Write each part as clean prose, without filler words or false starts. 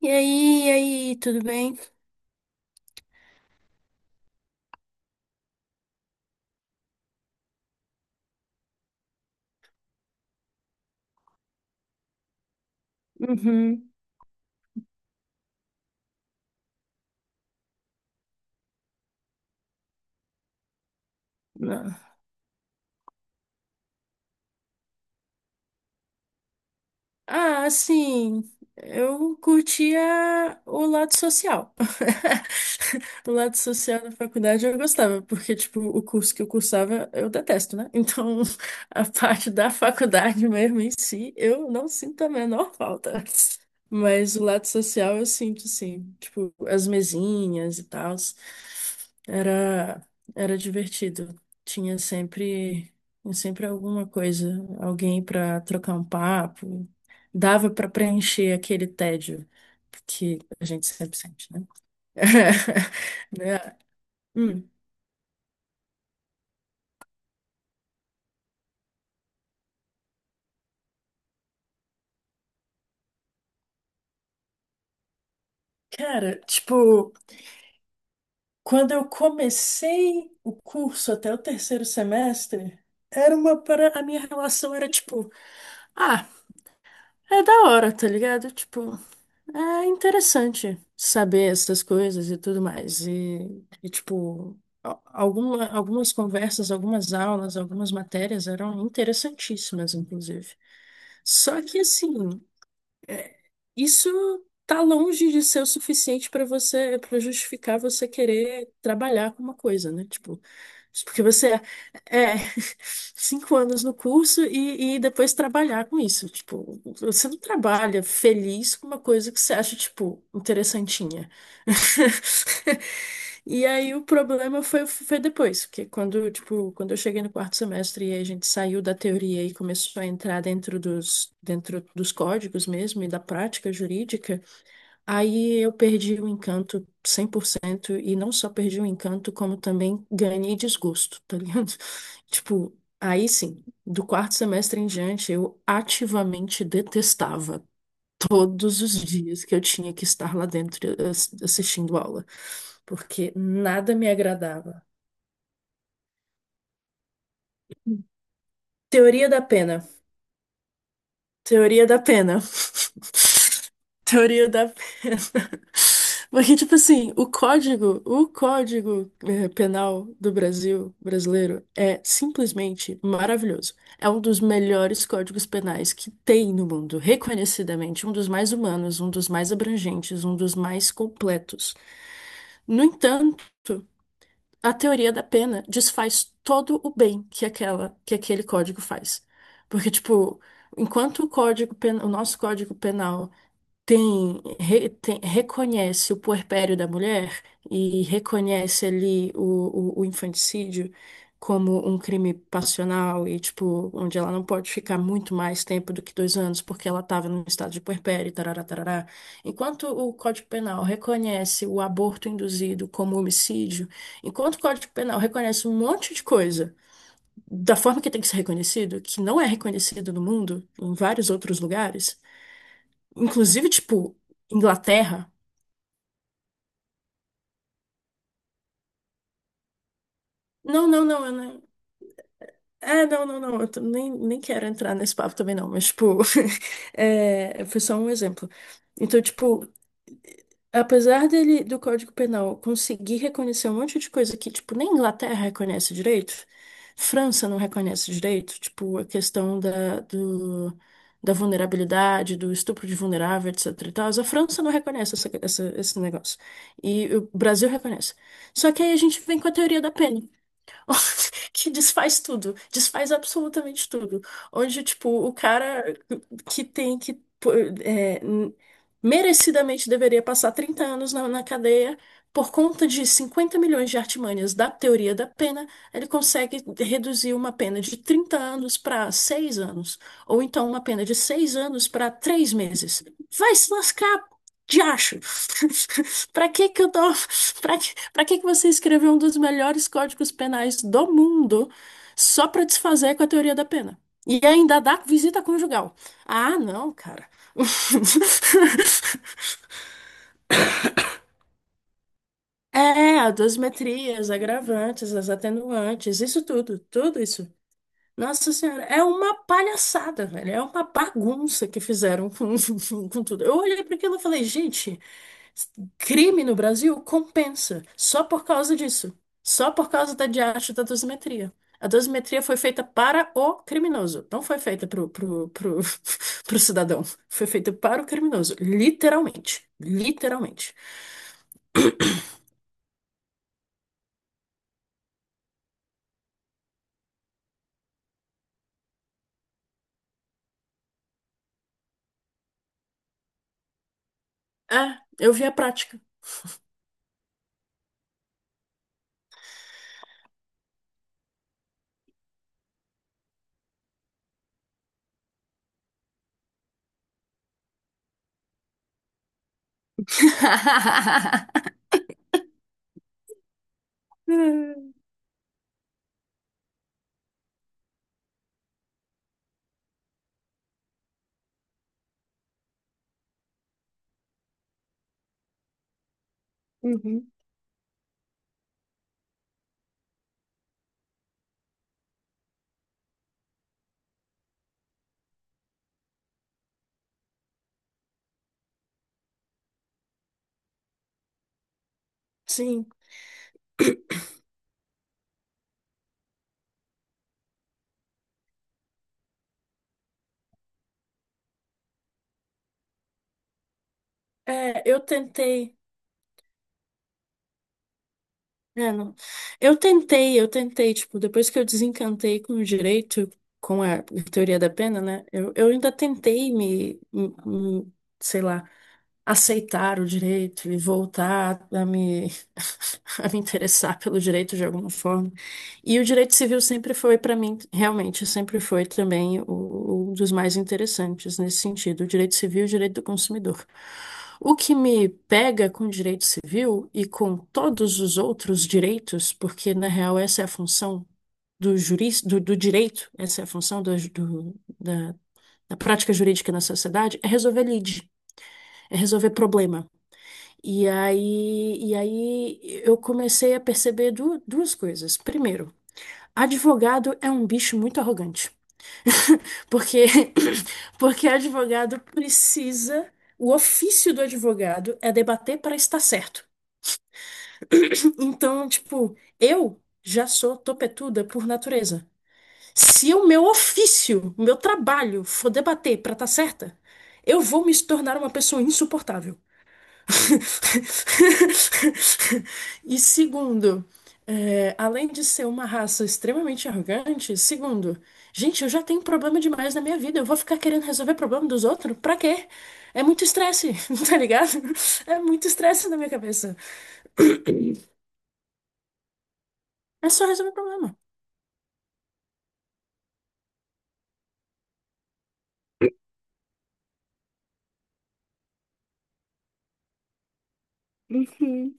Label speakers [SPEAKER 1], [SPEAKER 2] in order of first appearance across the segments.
[SPEAKER 1] E aí, tudo bem? Uhum. Não. Ah, assim, eu curtia o lado social. O lado social da faculdade eu gostava, porque, tipo, o curso que eu cursava eu detesto, né? Então, a parte da faculdade mesmo em si, eu não sinto a menor falta. Mas o lado social eu sinto, sim. Tipo, as mesinhas e tal. Era, era divertido. Tinha sempre alguma coisa, alguém pra trocar um papo dava para preencher aquele tédio que a gente sempre sente, né? Né? Hum. Cara, tipo, quando eu comecei o curso até o terceiro semestre, era uma para a minha relação era tipo, ah, é da hora, tá ligado? Tipo, é interessante saber essas coisas e tudo mais. E, tipo, algumas conversas, algumas aulas, algumas matérias eram interessantíssimas, inclusive. Só que, assim, é, isso tá longe de ser o suficiente para você, para justificar você querer trabalhar com uma coisa, né? Tipo, isso porque você é 5 anos no curso e depois trabalhar com isso. Tipo, você não trabalha feliz com uma coisa que você acha, tipo, interessantinha. E aí o problema foi depois, tipo, quando eu cheguei no quarto semestre e a gente saiu da teoria e começou a entrar dentro dos códigos mesmo e da prática jurídica, aí eu perdi o encanto 100% e não só perdi o encanto, como também ganhei desgosto, tá ligado? Tipo, aí sim, do quarto semestre em diante, eu ativamente detestava todos os dias que eu tinha que estar lá dentro assistindo aula porque nada me agradava. Teoria da pena. Teoria da pena. Teoria da pena. Porque, tipo assim, o código penal do Brasil, brasileiro, é simplesmente maravilhoso. É um dos melhores códigos penais que tem no mundo, reconhecidamente, um dos mais humanos, um dos mais abrangentes, um dos mais completos. No entanto, a teoria da pena desfaz todo o bem que aquela, que aquele código faz. Porque, tipo, enquanto o código pen- o nosso código penal reconhece o puerpério da mulher e reconhece ali o infanticídio como um crime passional e, tipo, onde ela não pode ficar muito mais tempo do que 2 anos porque ela estava no estado de puerpério, tarará, tarará. Enquanto o Código Penal reconhece o aborto induzido como homicídio, enquanto o Código Penal reconhece um monte de coisa da forma que tem que ser reconhecido, que não é reconhecido no mundo, em vários outros lugares, inclusive, tipo, Inglaterra. Não, não, não, eu não. É, não, não, não. Eu t- nem, nem quero entrar nesse papo também, não. Mas, tipo, é, foi só um exemplo. Então, tipo, apesar dele, do Código Penal conseguir reconhecer um monte de coisa que, tipo, nem Inglaterra reconhece direito, França não reconhece direito, tipo, a questão da vulnerabilidade, do estupro de vulnerável, etc e tal, a França não reconhece esse negócio. E o Brasil reconhece. Só que aí a gente vem com a teoria da pena. Que desfaz tudo, desfaz absolutamente tudo. Onde, tipo, o cara que tem que pô, é, n- merecidamente deveria passar 30 anos na cadeia por conta de 50 milhões de artimanhas da teoria da pena, ele consegue reduzir uma pena de 30 anos para 6 anos, ou então uma pena de 6 anos para 3 meses. Vai se lascar, de acho. Pra que que eu tô... pra que que você escreveu um dos melhores códigos penais do mundo só pra desfazer com a teoria da pena? E ainda dá visita conjugal. Ah, não, cara. É, as dosimetrias, agravantes, as atenuantes, isso tudo, tudo isso. Nossa Senhora, é uma palhaçada, velho. É uma bagunça que fizeram com, com tudo. Eu olhei para aquilo e falei, gente, crime no Brasil compensa só por causa disso. Só por causa da diacho da dosimetria. A dosimetria foi feita para o criminoso, não foi feita pro cidadão. Foi feita para o criminoso, literalmente. Literalmente. Ah, eu vi a prática. Uhum. Sim. É, eu tentei. É, não. Eu tentei, tipo, depois que eu desencantei com o direito, com a teoria da pena, né? Eu ainda tentei sei lá, aceitar o direito e voltar a me interessar pelo direito de alguma forma. E o direito civil sempre foi, para mim, realmente, sempre foi também um dos mais interessantes nesse sentido, o direito civil e o direito do consumidor. O que me pega com o direito civil e com todos os outros direitos, porque na real essa é a função do direito, essa é a função da prática jurídica na sociedade, é resolver lide, é resolver problema. E aí, eu comecei a perceber duas coisas. Primeiro, advogado é um bicho muito arrogante. Porque, porque advogado precisa. O ofício do advogado é debater para estar certo. Então, tipo, eu já sou topetuda por natureza. Se o meu ofício, o meu trabalho for debater para estar certa, eu vou me tornar uma pessoa insuportável. E segundo, é, além de ser uma raça extremamente arrogante, segundo, gente, eu já tenho problema demais na minha vida, eu vou ficar querendo resolver problema dos outros? Pra quê? É muito estresse, tá ligado? É muito estresse na minha cabeça. É só resolver problema. Uhum,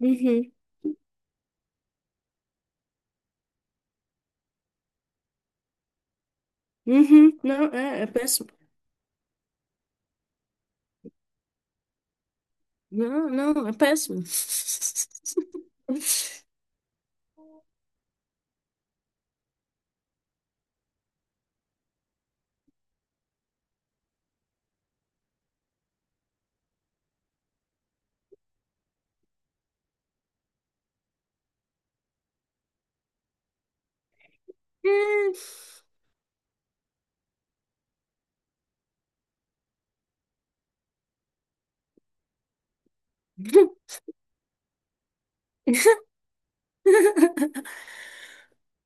[SPEAKER 1] uhum, uhum. Não, é, é péssimo. Não, não, é péssimo. É.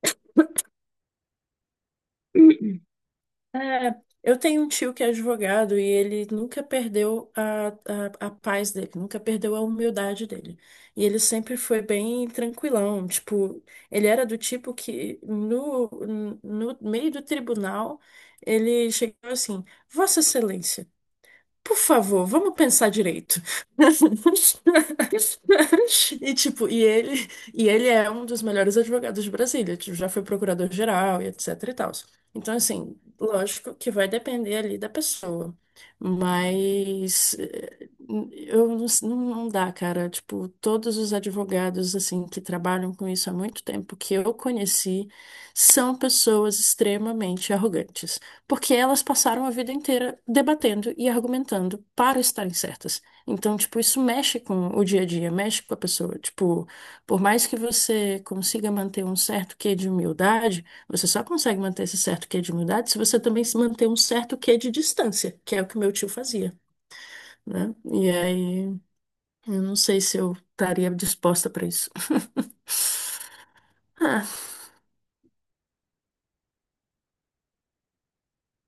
[SPEAKER 1] É, eu tenho um tio que é advogado e ele nunca perdeu a paz dele, nunca perdeu a humildade dele. E ele sempre foi bem tranquilão, tipo, ele era do tipo que no meio do tribunal ele chegou assim, Vossa Excelência, por favor, vamos pensar direito. E tipo, e ele é um dos melhores advogados de Brasília, tipo, já foi procurador-geral e etc e tal. Então, assim, lógico que vai depender ali da pessoa, mas eu não, não dá, cara. Tipo, todos os advogados assim que trabalham com isso há muito tempo que eu conheci são pessoas extremamente arrogantes. Porque elas passaram a vida inteira debatendo e argumentando para estarem certas. Então, tipo, isso mexe com o dia a dia, mexe com a pessoa. Tipo, por mais que você consiga manter um certo quê de humildade, você só consegue manter esse certo quê de humildade se você também se manter um certo quê de distância, que é o que meu tio fazia, né? E aí, eu não sei se eu estaria disposta para isso. Ah,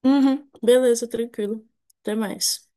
[SPEAKER 1] uhum, beleza, tranquilo. Até mais.